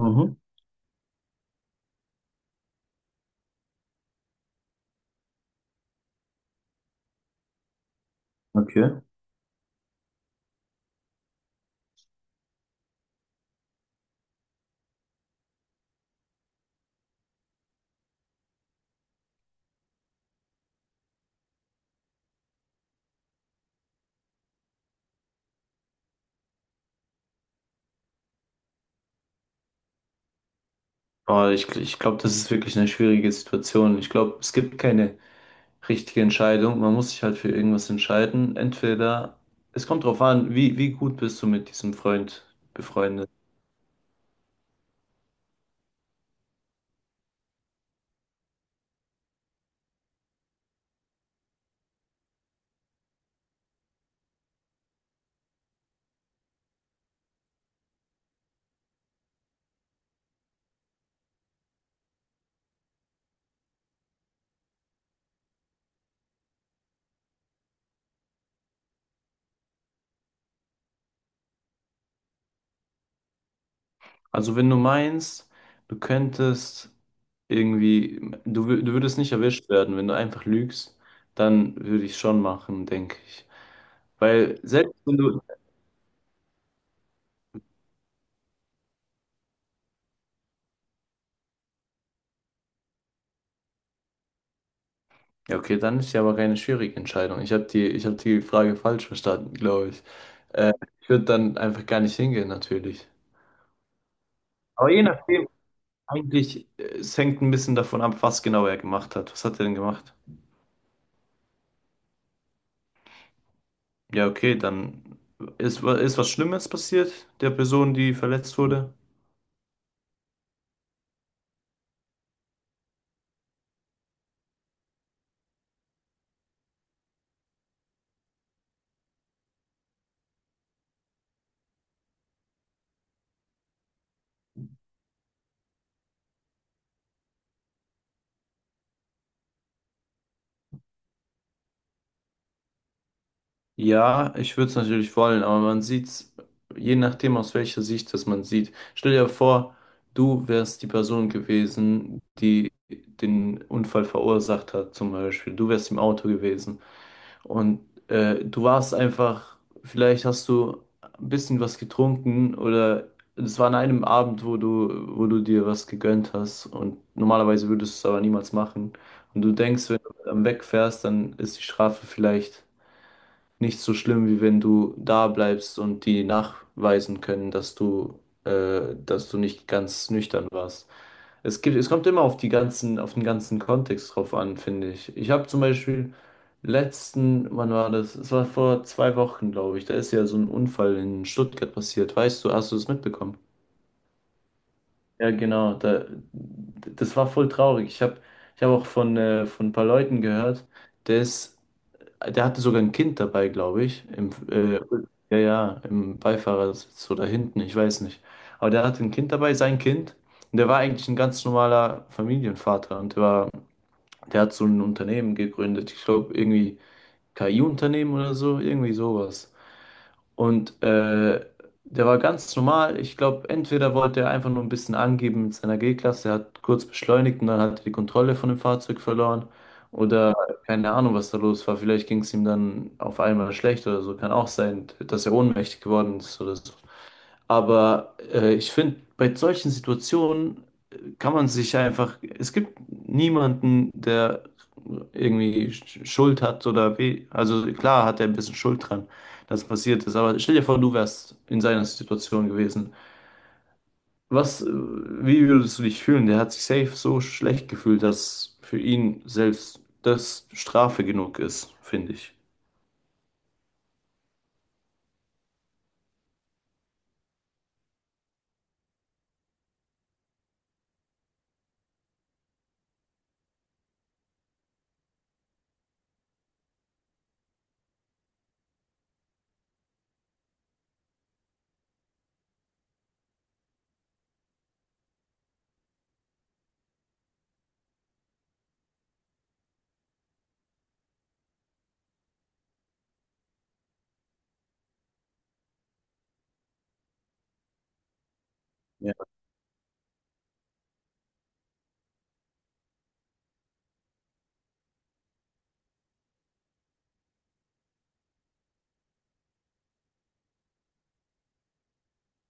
Mhm, okay. Aber ich glaube, das ist wirklich eine schwierige Situation. Ich glaube, es gibt keine richtige Entscheidung. Man muss sich halt für irgendwas entscheiden. Entweder, es kommt drauf an, wie gut bist du mit diesem Freund befreundet. Also wenn du meinst, du könntest irgendwie, du würdest nicht erwischt werden, wenn du einfach lügst, dann würde ich schon machen, denke ich. Weil selbst wenn du, ja, okay, dann ist ja aber keine schwierige Entscheidung. Ich hab die Frage falsch verstanden, glaube ich. Äh, Ich würde dann einfach gar nicht hingehen, natürlich. Aber je nachdem, eigentlich, es hängt ein bisschen davon ab, was genau er gemacht hat. Was hat er denn gemacht? Ja, okay, dann ist was Schlimmes passiert der Person, die verletzt wurde? Ja, ich würde es natürlich wollen, aber man sieht es, je nachdem aus welcher Sicht das man sieht. Stell dir vor, du wärst die Person gewesen, die den Unfall verursacht hat, zum Beispiel. Du wärst im Auto gewesen und äh, du warst einfach, vielleicht hast du ein bisschen was getrunken oder es war an einem Abend, wo du dir was gegönnt hast und normalerweise würdest du es aber niemals machen. Und du denkst, wenn du dann wegfährst, dann ist die Strafe vielleicht nicht so schlimm, wie wenn du da bleibst und die nachweisen können, dass du nicht ganz nüchtern warst. Es kommt immer auf auf den ganzen Kontext drauf an, finde ich. Ich habe zum Beispiel letzten, wann war das? Es war vor zwei Wochen, glaube ich. Da ist ja so ein Unfall in Stuttgart passiert. Weißt du, hast du das mitbekommen? Ja, genau. Da, das war voll traurig. Ich hab auch von ein paar Leuten gehört, der ist der hatte sogar ein Kind dabei, glaube ich. Im, ja, ja, im Beifahrersitz oder hinten, ich weiß nicht. Aber der hatte ein Kind dabei, sein Kind. Und der war eigentlich ein ganz normaler Familienvater. Und der war, der hat so ein Unternehmen gegründet. Ich glaube, irgendwie KI-Unternehmen oder so, irgendwie sowas. Und der war ganz normal. Ich glaube, entweder wollte er einfach nur ein bisschen angeben mit seiner G-Klasse, er hat kurz beschleunigt und dann hat er die Kontrolle von dem Fahrzeug verloren. Oder keine Ahnung, was da los war. Vielleicht ging es ihm dann auf einmal schlecht oder so. Kann auch sein, dass er ohnmächtig geworden ist oder so. Aber ich finde, bei solchen Situationen kann man sich einfach, es gibt niemanden, der irgendwie Schuld hat oder weh. Also klar hat er ein bisschen Schuld dran, dass passiert ist. Aber stell dir vor, du wärst in seiner Situation gewesen. Wie würdest du dich fühlen? Der hat sich safe so schlecht gefühlt, dass für ihn selbst das Strafe genug ist, finde ich. Ja.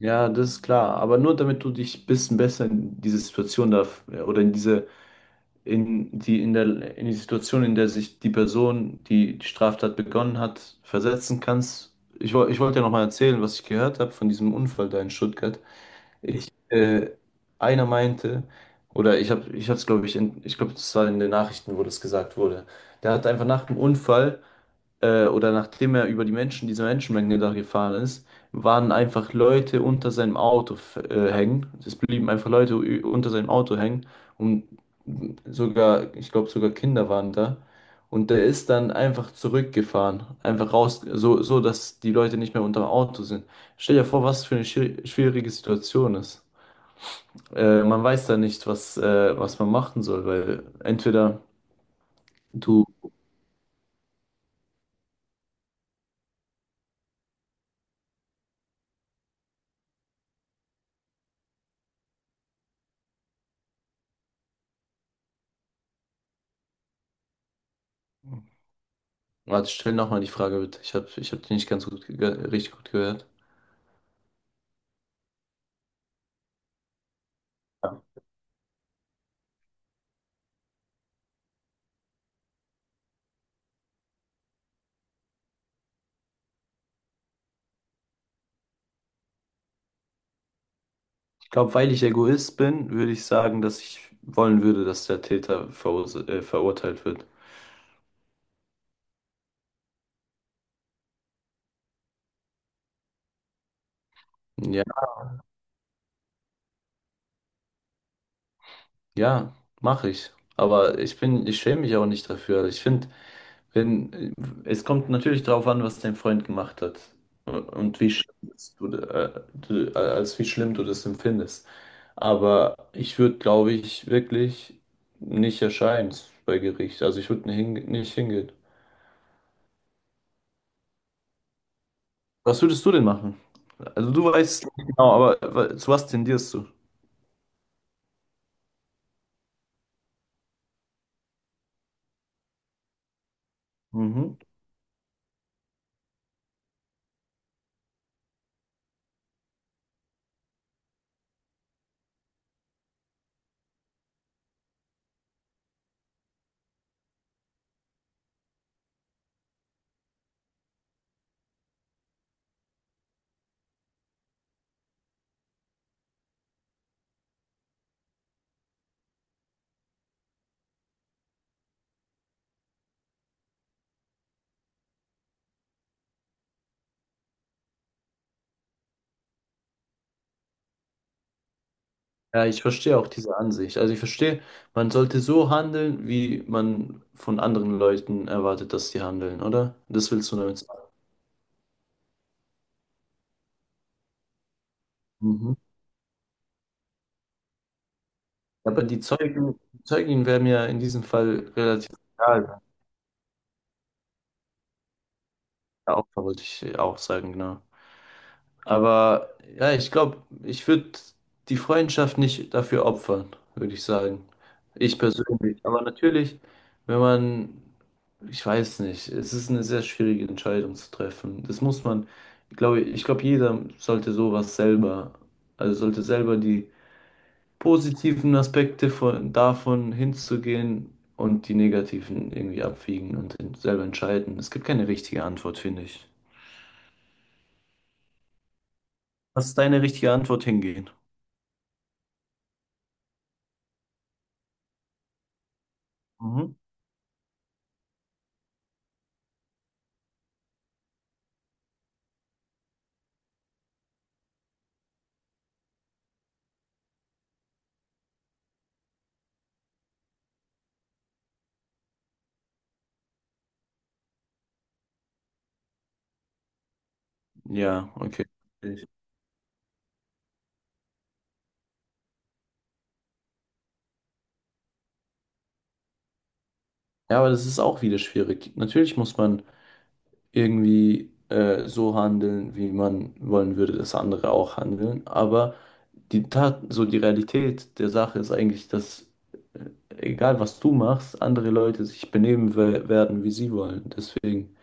Ja, das ist klar. Aber nur damit du dich ein bisschen besser in diese Situation da oder in diese in die Situation, in der sich die Person, die die Straftat begonnen hat, versetzen kannst. Ich wollte ja nochmal erzählen, was ich gehört habe von diesem Unfall da in Stuttgart. Ich, äh, einer meinte, ich habe es, glaube ich, ich glaube, das war in den Nachrichten, wo das gesagt wurde. Der hat einfach nach dem Unfall oder nachdem er über die Menschen, diese Menschenmenge da gefahren ist, waren einfach Leute unter seinem Auto hängen. Es blieben einfach Leute unter seinem Auto hängen und sogar, ich glaube, sogar Kinder waren da. Und der ist dann einfach zurückgefahren, einfach raus, dass die Leute nicht mehr unter dem Auto sind. Stell dir vor, was für eine schwierige Situation ist. Man weiß da nicht, was man machen soll, weil entweder du warte, stell nochmal die Frage bitte. Ich hab die nicht richtig gut gehört. Ich glaube, weil ich Egoist bin, würde ich sagen, dass ich wollen würde, dass der Täter verurteilt wird. Ja, ja, mache ich. Aber ich schäme mich auch nicht dafür. Also ich finde, wenn, es kommt natürlich darauf an, was dein Freund gemacht hat und wie schlimm als wie schlimm du das empfindest. Aber ich würde, glaube ich, wirklich nicht erscheinen bei Gericht. Also ich würde nicht hingehen. Was würdest du denn machen? Also du weißt nicht genau, aber zu was tendierst du? Mhm. Ja, ich verstehe auch diese Ansicht. Also ich verstehe, man sollte so handeln, wie man von anderen Leuten erwartet, dass sie handeln, oder? Das willst du damit sagen. Mhm. Aber die Zeugen wären ja in diesem Fall relativ egal. Ja, Opfer wollte ich auch sagen, genau. Aber ja, ich glaube, ich würde die Freundschaft nicht dafür opfern, würde ich sagen. Ich persönlich. Aber natürlich, wenn man, ich weiß nicht, es ist eine sehr schwierige Entscheidung zu treffen. Das muss man, ich glaube, jeder sollte sowas selber, also sollte selber die positiven Aspekte davon hinzugehen und die negativen irgendwie abwiegen und selber entscheiden. Es gibt keine richtige Antwort, finde ich. Was ist deine richtige Antwort hingehen? Mhm. Ja, okay. Ja, aber das ist auch wieder schwierig. Natürlich muss man irgendwie so handeln, wie man wollen würde, dass andere auch handeln. Aber die Tat, so die Realität der Sache ist eigentlich, dass äh, egal was du machst, andere Leute sich werden, wie sie wollen. Deswegen.